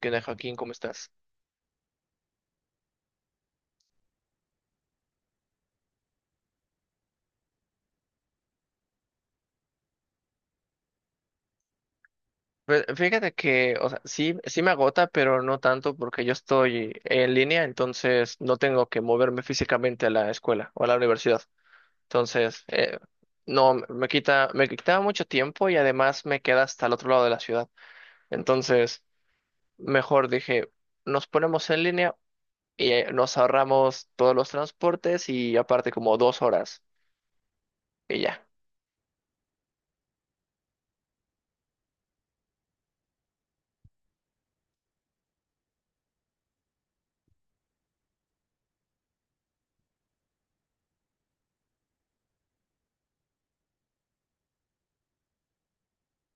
¿Qué onda, Joaquín? ¿Cómo estás? Pues fíjate que, o sea, sí, sí, me agota, pero no tanto porque yo estoy en línea, entonces no tengo que moverme físicamente a la escuela o a la universidad. Entonces, no, me quitaba mucho tiempo y además me queda hasta el otro lado de la ciudad. Entonces, mejor dije, nos ponemos en línea y nos ahorramos todos los transportes y aparte como 2 horas y ya.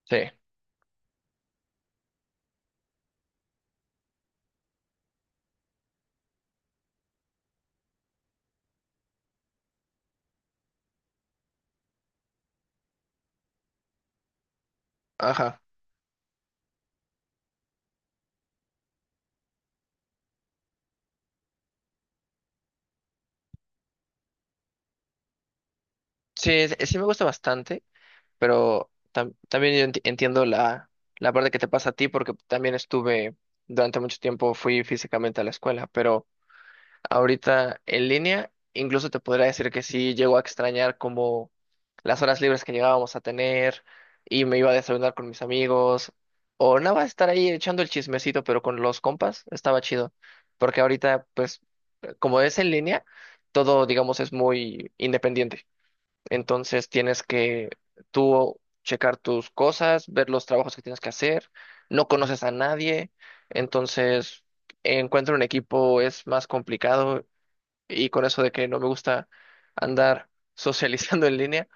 Sí, ajá. Sí, sí, me gusta bastante. Pero también yo entiendo la parte que te pasa a ti porque también estuve, durante mucho tiempo fui físicamente a la escuela, pero ahorita en línea incluso te podría decir que sí llego a extrañar como las horas libres que llegábamos a tener y me iba a desayunar con mis amigos o nada más estar ahí echando el chismecito, pero con los compas estaba chido porque ahorita pues, como es en línea, todo digamos es muy independiente. Entonces tienes que tú checar tus cosas, ver los trabajos que tienes que hacer. No conoces a nadie, entonces encuentro un equipo es más complicado, y con eso de que no me gusta andar socializando en línea,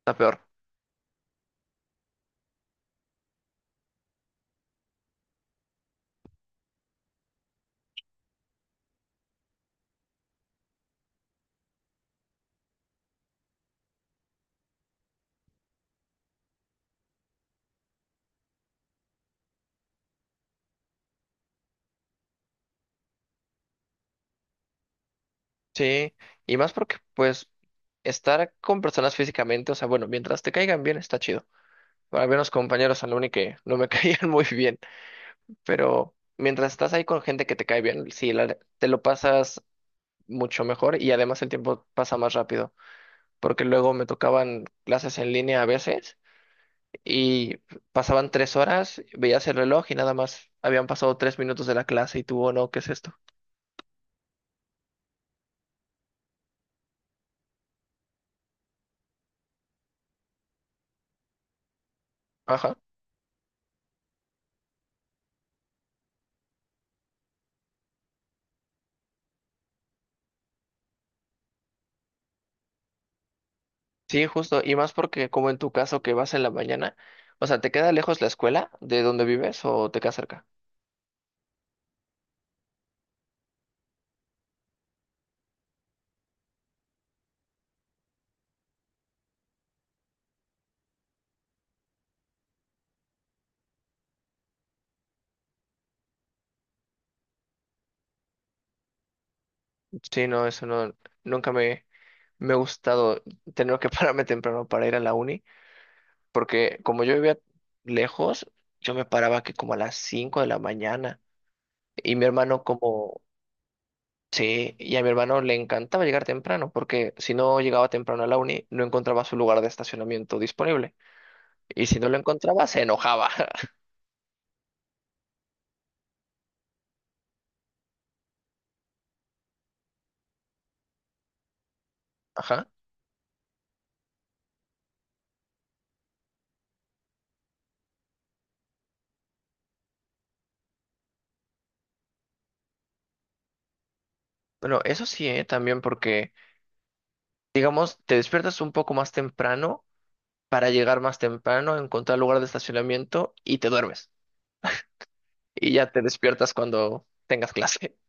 está peor. Sí, y más porque pues, estar con personas físicamente, o sea, bueno, mientras te caigan bien está chido. Para ver los compañeros al uni que no me caían muy bien, pero mientras estás ahí con gente que te cae bien, sí, te lo pasas mucho mejor, y además el tiempo pasa más rápido, porque luego me tocaban clases en línea a veces y pasaban 3 horas, veías el reloj y nada más habían pasado 3 minutos de la clase y tú, oh no, ¿qué es esto? Ajá. Sí, justo, y más porque como en tu caso que vas en la mañana, o sea, ¿te queda lejos la escuela de donde vives o te queda cerca? Sí, no, eso no, nunca me, me ha gustado tener que pararme temprano para ir a la uni, porque como yo vivía lejos, yo me paraba que como a las 5 de la mañana. Y mi hermano como, sí, y a mi hermano le encantaba llegar temprano, porque si no llegaba temprano a la uni, no encontraba su lugar de estacionamiento disponible. Y si no lo encontraba, se enojaba. Ajá. Bueno, eso sí, ¿eh? También porque, digamos, te despiertas un poco más temprano para llegar más temprano, encontrar lugar de estacionamiento y te duermes. Y ya te despiertas cuando tengas clase.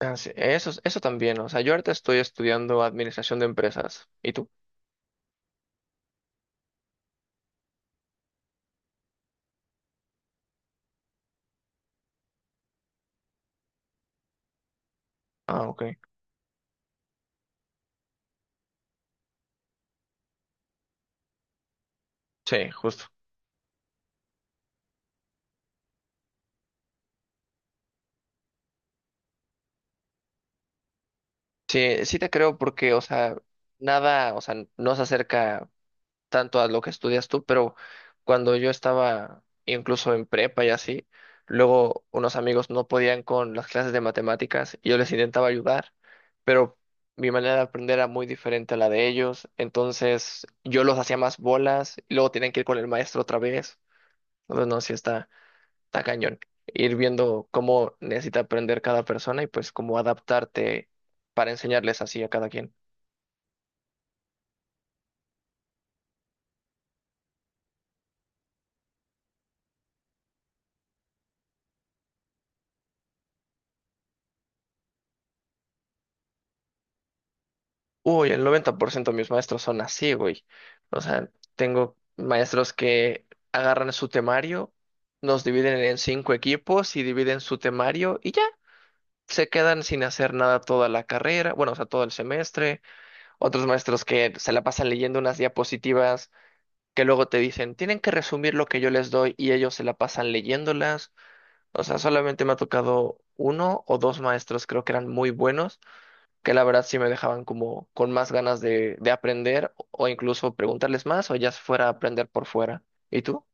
Ah, sí, eso también, o sea, yo ahorita estoy estudiando administración de empresas. ¿Y tú? Ah, ok. Sí, justo. Sí, sí te creo porque, o sea, nada, o sea, no se acerca tanto a lo que estudias tú, pero cuando yo estaba incluso en prepa y así, luego unos amigos no podían con las clases de matemáticas y yo les intentaba ayudar, pero mi manera de aprender era muy diferente a la de ellos, entonces yo los hacía más bolas y luego tenían que ir con el maestro otra vez. Entonces, no, sí, está cañón. Ir viendo cómo necesita aprender cada persona y pues cómo adaptarte para enseñarles así a cada quien. Uy, el 90% de mis maestros son así, güey. O sea, tengo maestros que agarran su temario, nos dividen en 5 equipos y dividen su temario y ya. Se quedan sin hacer nada toda la carrera, bueno, o sea, todo el semestre. Otros maestros que se la pasan leyendo unas diapositivas que luego te dicen, tienen que resumir lo que yo les doy y ellos se la pasan leyéndolas. O sea, solamente me ha tocado uno o dos maestros, creo que eran muy buenos, que la verdad sí me dejaban como con más ganas de aprender o incluso preguntarles más o ya fuera a aprender por fuera. ¿Y tú?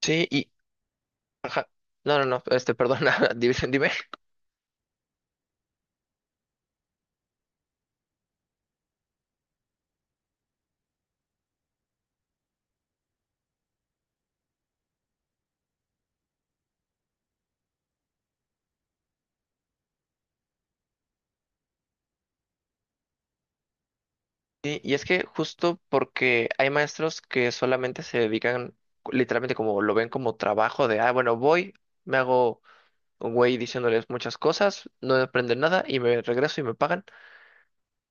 Sí, y... Ajá. No, no, no, este, perdona, dime. Sí, y es que justo porque hay maestros que solamente se dedican, literalmente como lo ven como trabajo de, ah, bueno, voy, me hago un güey diciéndoles muchas cosas, no aprenden nada y me regreso y me pagan.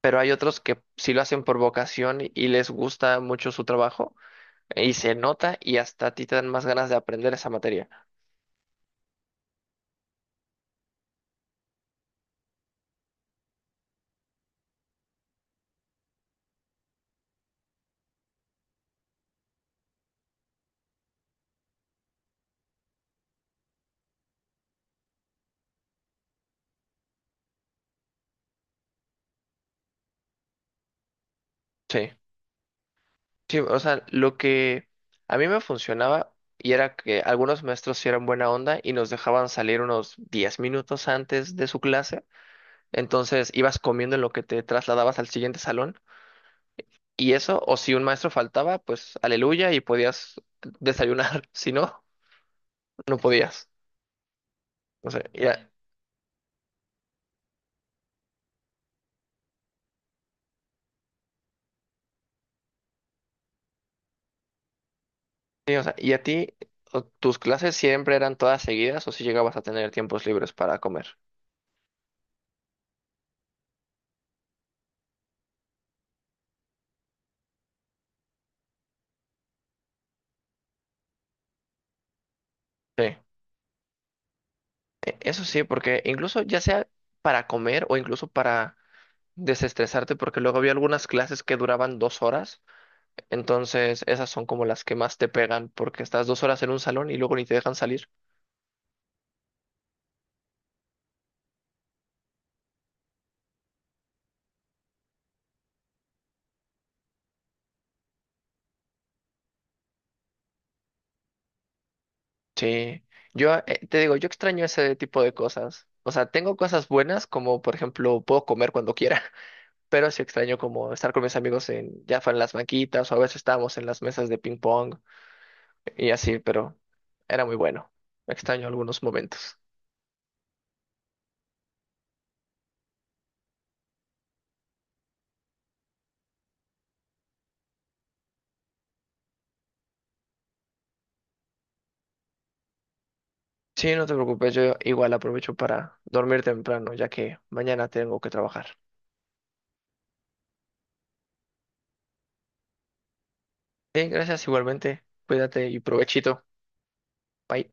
Pero hay otros que sí lo hacen por vocación y les gusta mucho su trabajo, y se nota y hasta a ti te dan más ganas de aprender esa materia. Sí, sí, o sea, lo que a mí me funcionaba y era que algunos maestros sí eran buena onda y nos dejaban salir unos 10 minutos antes de su clase, entonces ibas comiendo en lo que te trasladabas al siguiente salón y eso, o si un maestro faltaba, pues aleluya y podías desayunar, si no, no podías. O sea, ya- Sí, o sea, ¿y a ti, o- tus clases siempre eran todas seguidas o si llegabas a tener tiempos libres para comer? Sí. E- Eso sí, porque incluso ya sea para comer o incluso para desestresarte, porque luego había algunas clases que duraban 2 horas, entonces esas son como las que más te pegan, porque estás 2 horas en un salón y luego ni te dejan salir. Sí, yo te digo, yo extraño ese tipo de cosas. O sea, tengo cosas buenas como, por ejemplo, puedo comer cuando quiera. Pero sí extraño como estar con mis amigos en, ya fue en las banquitas o a veces estábamos en las mesas de ping pong y así, pero era muy bueno. Extraño algunos momentos. Sí, no te preocupes, yo igual aprovecho para dormir temprano, ya que mañana tengo que trabajar. Sí, gracias igualmente. Cuídate y provechito. Bye.